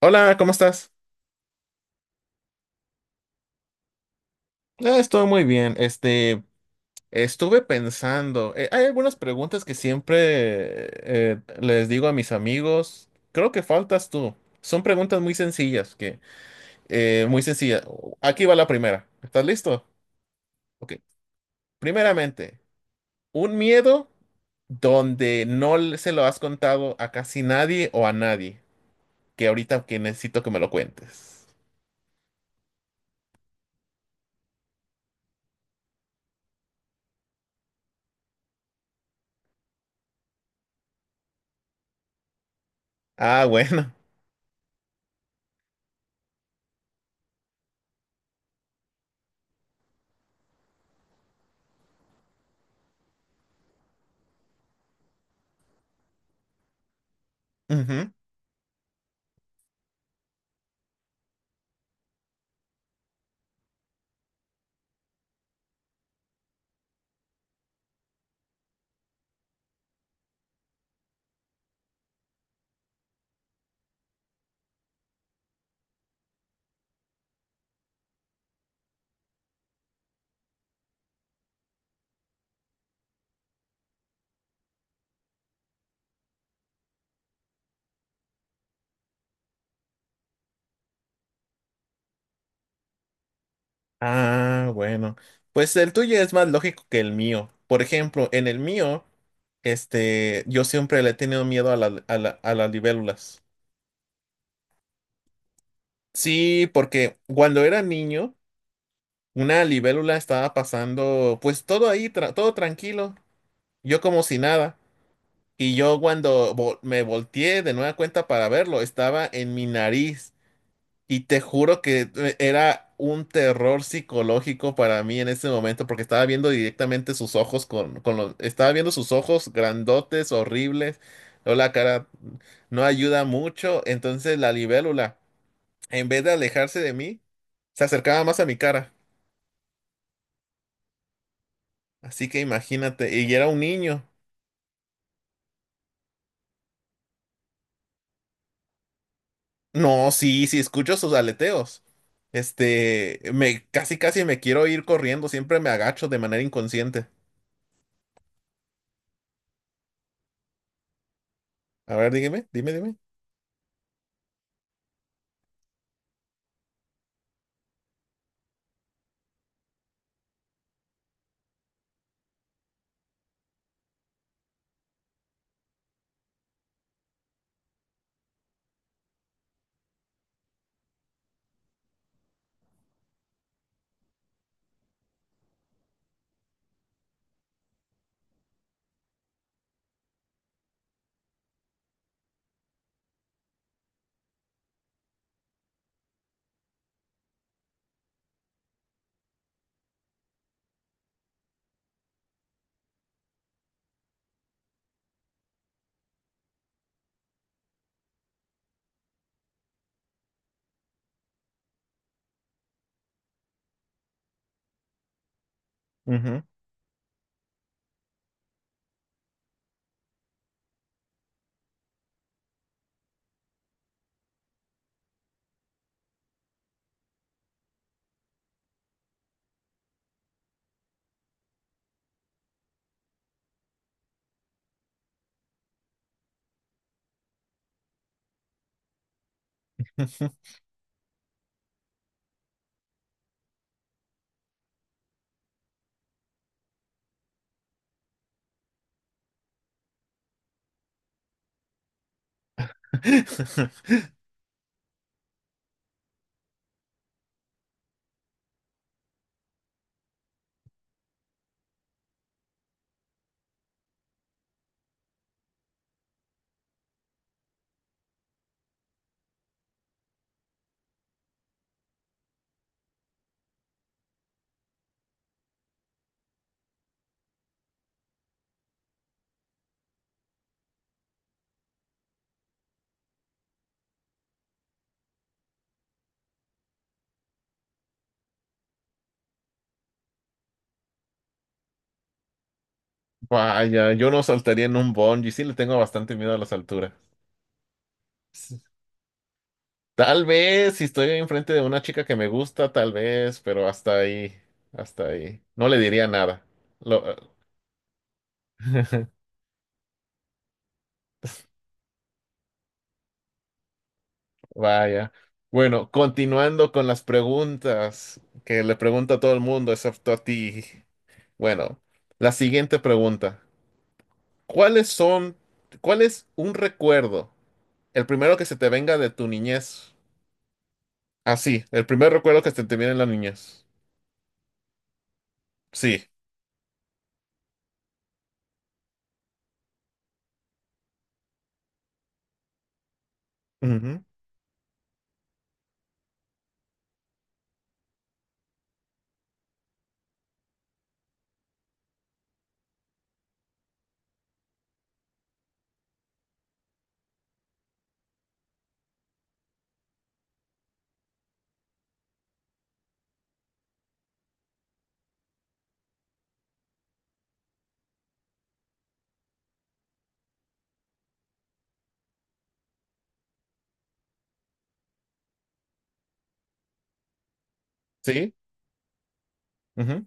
Hola, ¿cómo estás? Ah, estoy muy bien. Estuve pensando, hay algunas preguntas que siempre les digo a mis amigos. Creo que faltas tú. Son preguntas muy sencillas, que muy sencillas. Aquí va la primera. ¿Estás listo? Ok. Primeramente, un miedo donde no le- se lo has contado a casi nadie o a nadie, que ahorita que necesito que me lo cuentes. Ah, bueno. Ah, bueno. Pues el tuyo es más lógico que el mío. Por ejemplo, en el mío, este, yo siempre le he tenido miedo a las libélulas. Sí, porque cuando era niño, una libélula estaba pasando, pues todo ahí, todo tranquilo, yo como si nada. Y yo cuando me volteé de nueva cuenta para verlo, estaba en mi nariz. Y te juro que era un terror psicológico para mí en ese momento, porque estaba viendo directamente sus ojos con estaba viendo sus ojos grandotes, horribles, o la cara no ayuda mucho. Entonces la libélula, en vez de alejarse de mí, se acercaba más a mi cara. Así que imagínate, y era un niño. No, sí, sí, escucho sus aleteos. Este, me casi casi me quiero ir corriendo, siempre me agacho de manera inconsciente. A ver, dígame, dime, dime. Ujú. Vaya, yo no saltaría en un bungee, sí le tengo bastante miedo a las alturas. Sí. Tal vez si estoy enfrente de una chica que me gusta, tal vez, pero hasta ahí, hasta ahí. No le diría nada. Lo- Vaya. Bueno, continuando con las preguntas que le pregunto a todo el mundo, excepto a ti. Bueno, la siguiente pregunta. ¿Cuáles son, ¿cuál es un recuerdo, el primero que se te venga de tu niñez? Ah, sí, el primer recuerdo que se te viene en la niñez. Sí. Ujú, sí. Ujú.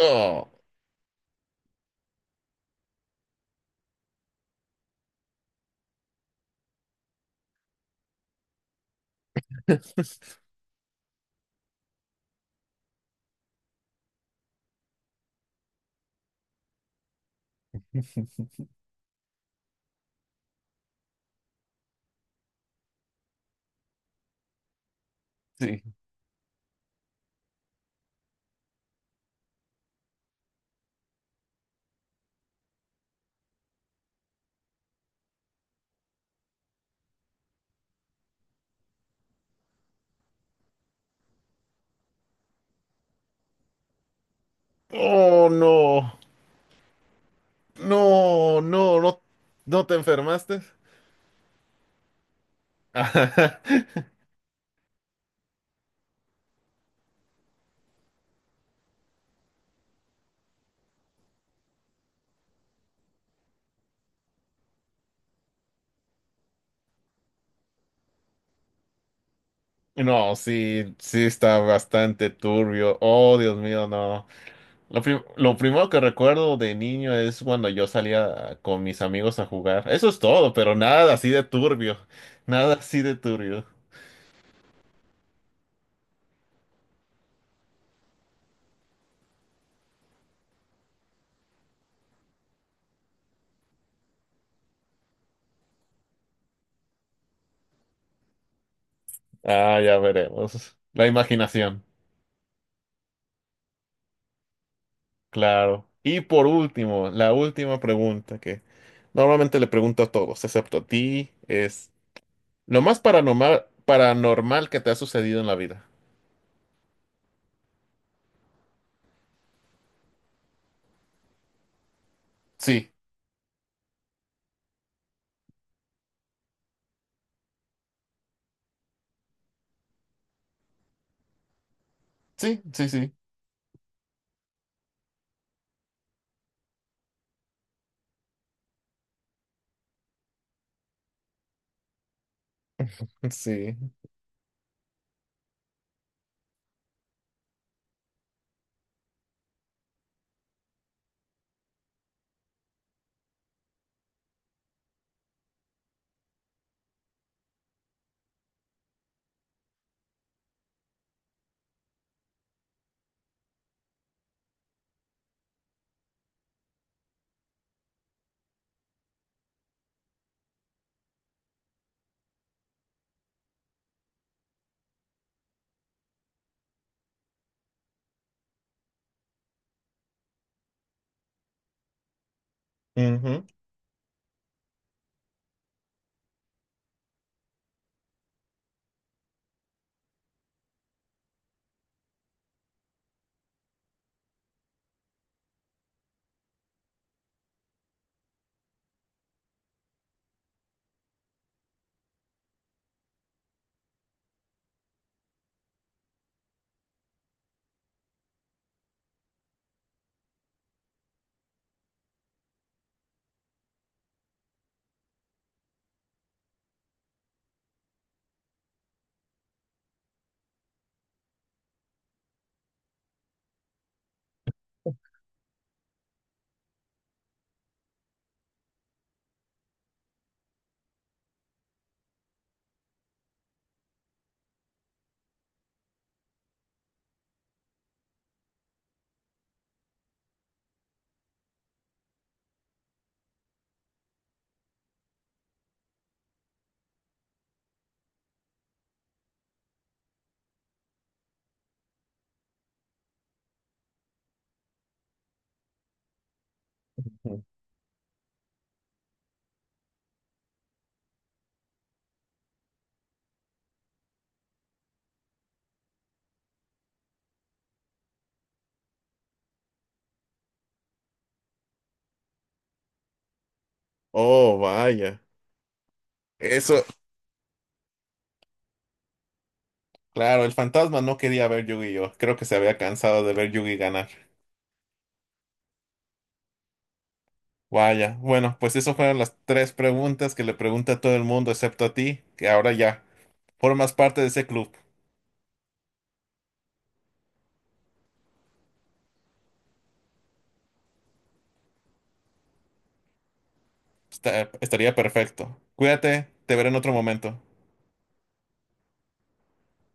Oh, sí. Oh, no. No, no, no. ¿No te enfermaste? Ajá. No, sí, sí está bastante turbio. Oh, Dios mío, no. Lo primero que recuerdo de niño es cuando yo salía con mis amigos a jugar. Eso es todo, pero nada así de turbio. Nada así de turbio. Ah, ya veremos. La imaginación. Claro. Y por último, la última pregunta que normalmente le pregunto a todos, excepto a ti, es lo más paranormal que te ha sucedido en la vida. Sí, sí, sí, sí. Sí. Ujú. Oh, vaya. Eso, claro, el fantasma no quería ver Yu-Gi-Oh! Creo que se había cansado de ver Yugi ganar. Vaya. Bueno, pues esas fueron las tres preguntas que le pregunta a todo el mundo, excepto a ti, que ahora ya formas parte de ese club. Estaría perfecto. Cuídate, te veré en otro momento.